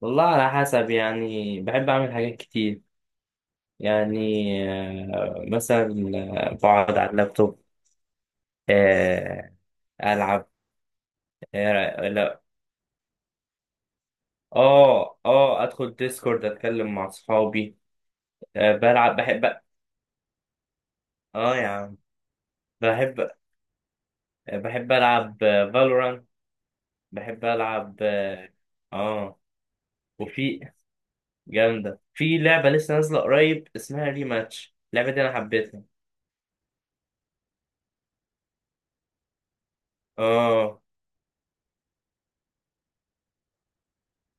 والله على حسب. يعني بحب أعمل حاجات كتير، يعني. مثلا. بقعد على اللابتوب. آه. ألعب. آه، لا. آه، أدخل ديسكورد، أتكلم مع أصحابي. بلعب، بحب. آه يا عم. بحب بحب ألعب فالورانت. بحب ألعب. آه. آه. وفي جامدة، في لعبة لسه نازلة قريب اسمها ريماتش، اللعبة دي أنا حبيتها. آه.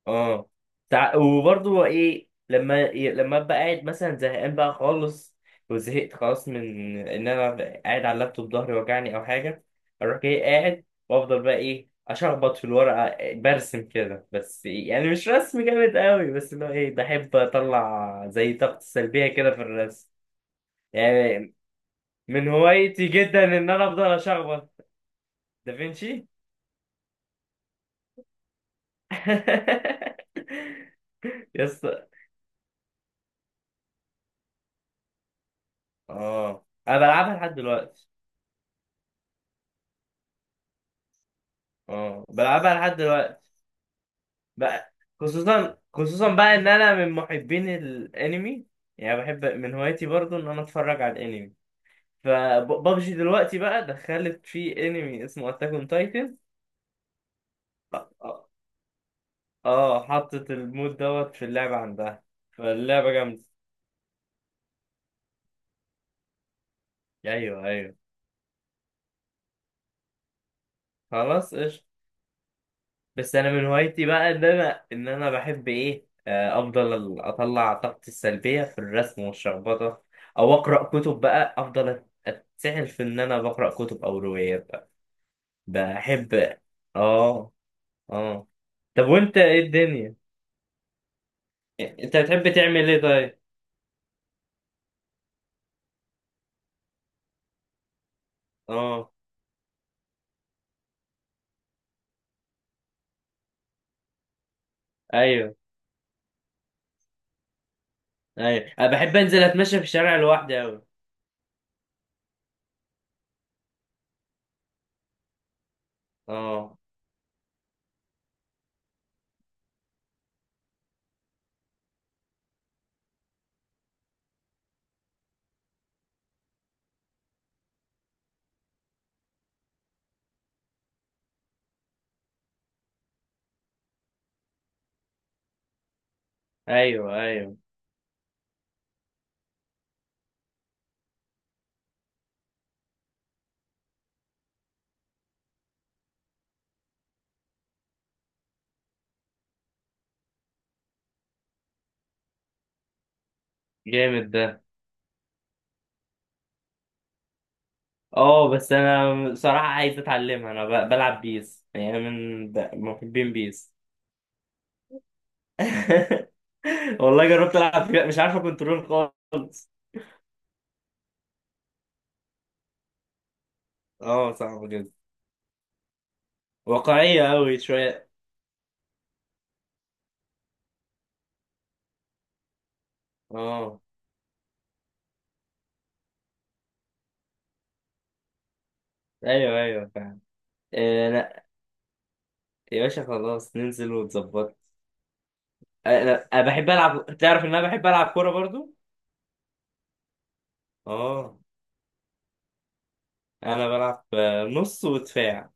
اه. وبرضه ايه، لما ابقى قاعد مثلا زهقان بقى خالص، وزهقت خلاص من ان انا قاعد على اللابتوب، ظهري وجعني او حاجه، اروح جاي قاعد وافضل بقى ايه، اشخبط في الورقه، برسم كده بس، يعني مش رسم جامد قوي، بس اللي هو ايه، بحب اطلع زي طاقتي السلبيه كده في الرسم. يعني من هوايتي جدا ان انا افضل اشخبط. دافنشي. يس. اه انا بلعبها لحد دلوقتي. اه بلعبها لحد دلوقتي بقى. خصوصا بقى ان انا من محبين الانمي. يعني بحب، من هوايتي برضو ان انا اتفرج على الانمي. فببجي دلوقتي بقى دخلت في انمي اسمه اتاك اون تايتن. اه. حطت المود دوت في اللعبة عندها. فاللعبة جامدة. ايوه، ايوه. خلاص قشطة. بس انا من هوايتي بقى ان انا بحب ايه، افضل اطلع طاقتي السلبيه في الرسم والشخبطه، او اقرا كتب بقى. افضل اتسحل في ان انا بقرا كتب او روايات بقى. بحب. اه. اه. طب وانت، ايه الدنيا؟ انت بتحب تعمل ايه طيب؟ اه، ايوه ايوه، انا بحب انزل اتمشى في الشارع لوحدي اوي. اه، ايوه ايوه، جامد ده. اه، بس انا بصراحة عايز اتعلمها. انا بلعب بيس، يعني من محبين بيس. والله جربت العب فيها، مش عارفة كنترول خالص. اه صعب جدا. واقعية اوي شوية. اه، ايوه ايوه، فاهم. إيه؟ لا يا باشا، خلاص ننزل ونظبط. أنا بحب العب. تعرف ان انا بحب العب كورة برضو. اه. انا بلعب نص ودفاع.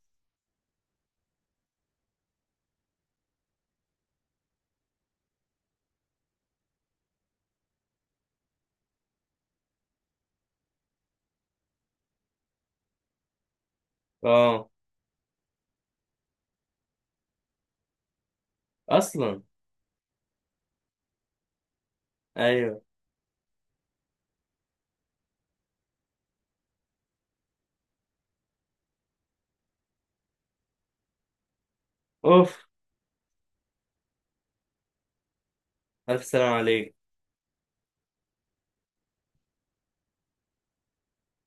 اه، اصلا. ايوه. اوف. الف سلام عليك.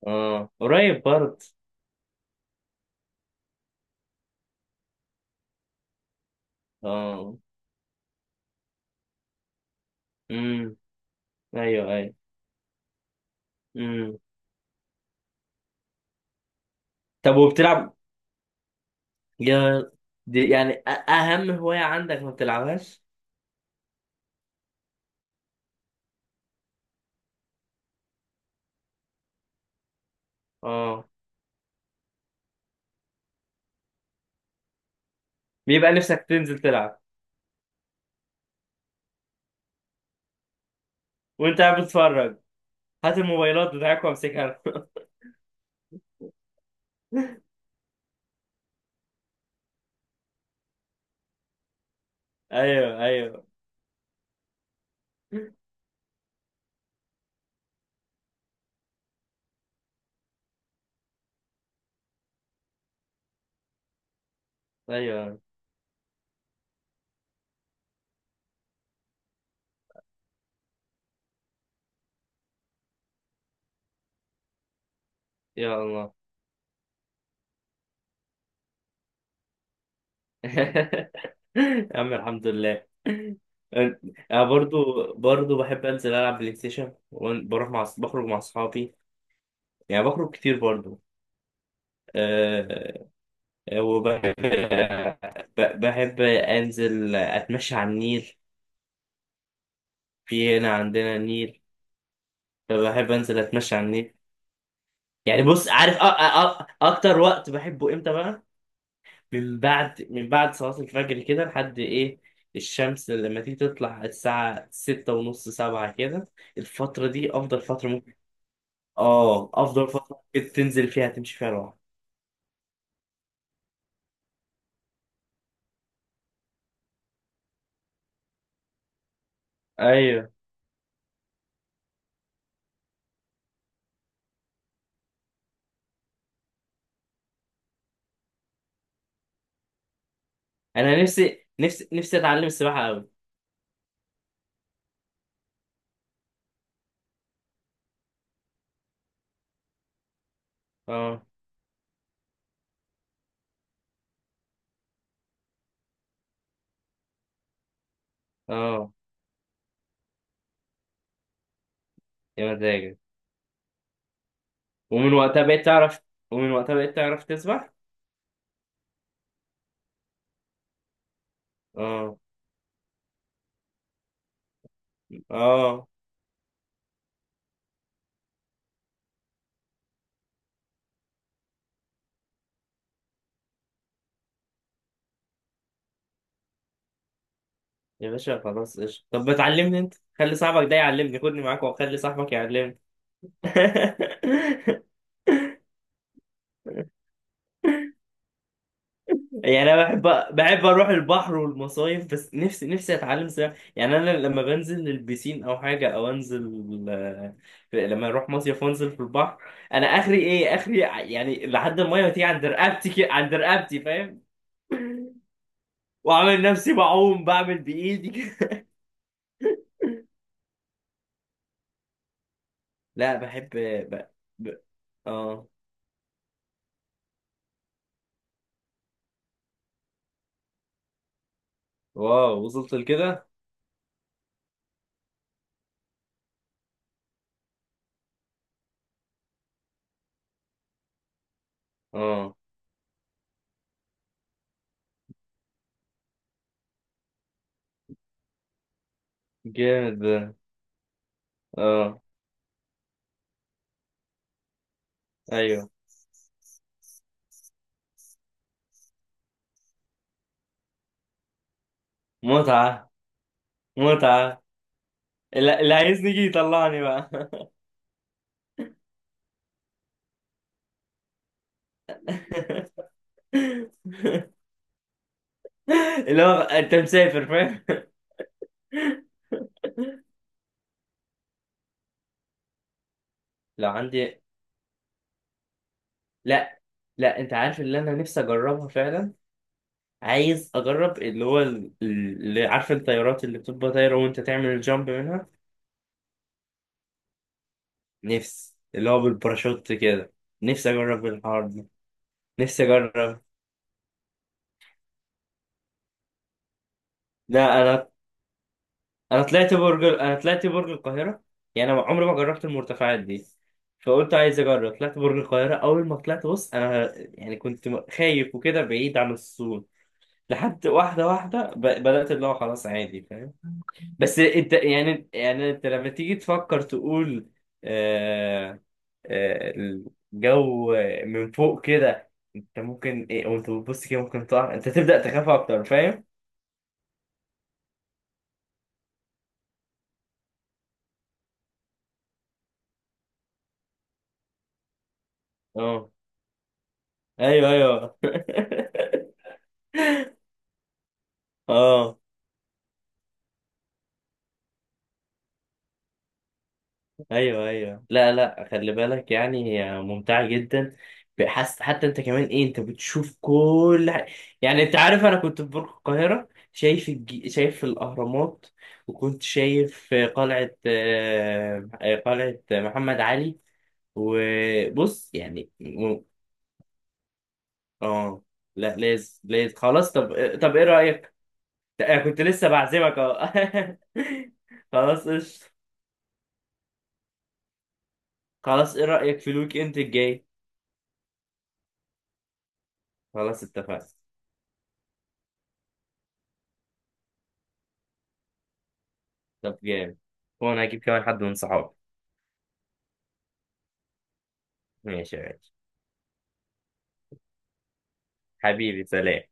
اه قريب برضه. اه. امم ايوه ايوه. امم طب وبتلعب؟ يا، دي يعني اهم هواية عندك ما بتلعبهاش. اه، بيبقى نفسك تنزل تلعب. وانت قاعد بتتفرج؟ هات الموبايلات بتاعك وامسكها أنا. ايوه ايوه ايوه. يا الله. يا عم، الحمد لله. انا برضو بحب انزل العب بلاي ستيشن. وبروح بخرج مع اصحابي. يعني بخرج كتير برضو. آه. وبحب، بحب أنزل أتمشى على النيل. في هنا عندنا نيل، فبحب أنزل أتمشى على النيل. يعني بص، عارف أ أ أ أكتر وقت بحبه إمتى بقى؟ من بعد صلاة الفجر كده لحد إيه، الشمس لما تيجي تطلع، الساعة 6:30، 7 كده. الفترة دي أفضل فترة ممكن. آه، أفضل فترة ممكن تنزل فيها تمشي فيها لوحدك. أيوه. أنا نفسي أتعلم السباحة أوي. آه. آه. يا مزاجك. ومن وقتها بقيت تعرف؟ ومن وقتها بقيت تعرف تسبح؟ اه. اه. يا باشا خلاص، ايش، طب ما تعلمني انت. خلي صاحبك ده يعلمني. خدني معاك وخلي صاحبك يعلمني. يعني انا بحب، اروح البحر والمصايف. بس نفسي، اتعلم سباحه. يعني انا لما بنزل للبسين او حاجه، او انزل، آه، لما اروح مصيف وانزل في البحر، انا اخري ايه اخري، يعني لحد الميه ما تيجي عند رقبتي عند رقبتي، فاهم؟ واعمل نفسي بعوم، بعمل بايدي. لا بحب. ب... ب... اه. واو، وصلت لكده؟ اه جامد ده. اه. ايوه. متعة، متعة. اللي عايزني يجي يطلعني بقى. اللي هو انت مسافر، فاهم. لو عندي، لا. لا انت عارف، اللي انا نفسي اجربها فعلا، عايز اجرب، اللي هو اللي، عارف الطيارات اللي بتبقى طايره وانت تعمل الجامب منها. نفسي، اللي هو بالباراشوت كده. نفسي اجرب الحوار ده. نفسي اجرب. لا انا، انا طلعت برج القاهره. يعني انا عمري ما جربت المرتفعات دي، فقلت عايز اجرب. طلعت برج القاهره، اول ما طلعت، بص انا يعني كنت خايف وكده، بعيد عن الصوت، لحد واحده واحده بدات اللي هو خلاص عادي، فاهم؟ بس انت، يعني انت لما تيجي تفكر تقول، آه، آه، الجو من فوق كده، انت ممكن ايه، وانت بتبص كده ممكن تقع، انت تبدا تخاف اكتر، فاهم؟ اه، ايوه ايوه. اه، ايوه ايوه. لا، لا، خلي بالك يعني، هي ممتعه جدا. بحس حتى انت كمان ايه، انت بتشوف كل حاجه. يعني انت عارف، انا كنت في برج القاهره شايف شايف الاهرامات، وكنت شايف قلعه، قلعه محمد علي. وبص يعني اه. لا، لازم خلاص. طب ايه رايك؟ أنا كنت لسه بعزمك اهو. خلاص قشطة. خلاص، ايه رايك في الويك اند الجاي؟ خلاص اتفقنا. طب جامد. وانا هجيب كمان حد من صحابي. ماشي، ماشي. حبيبي، سلام.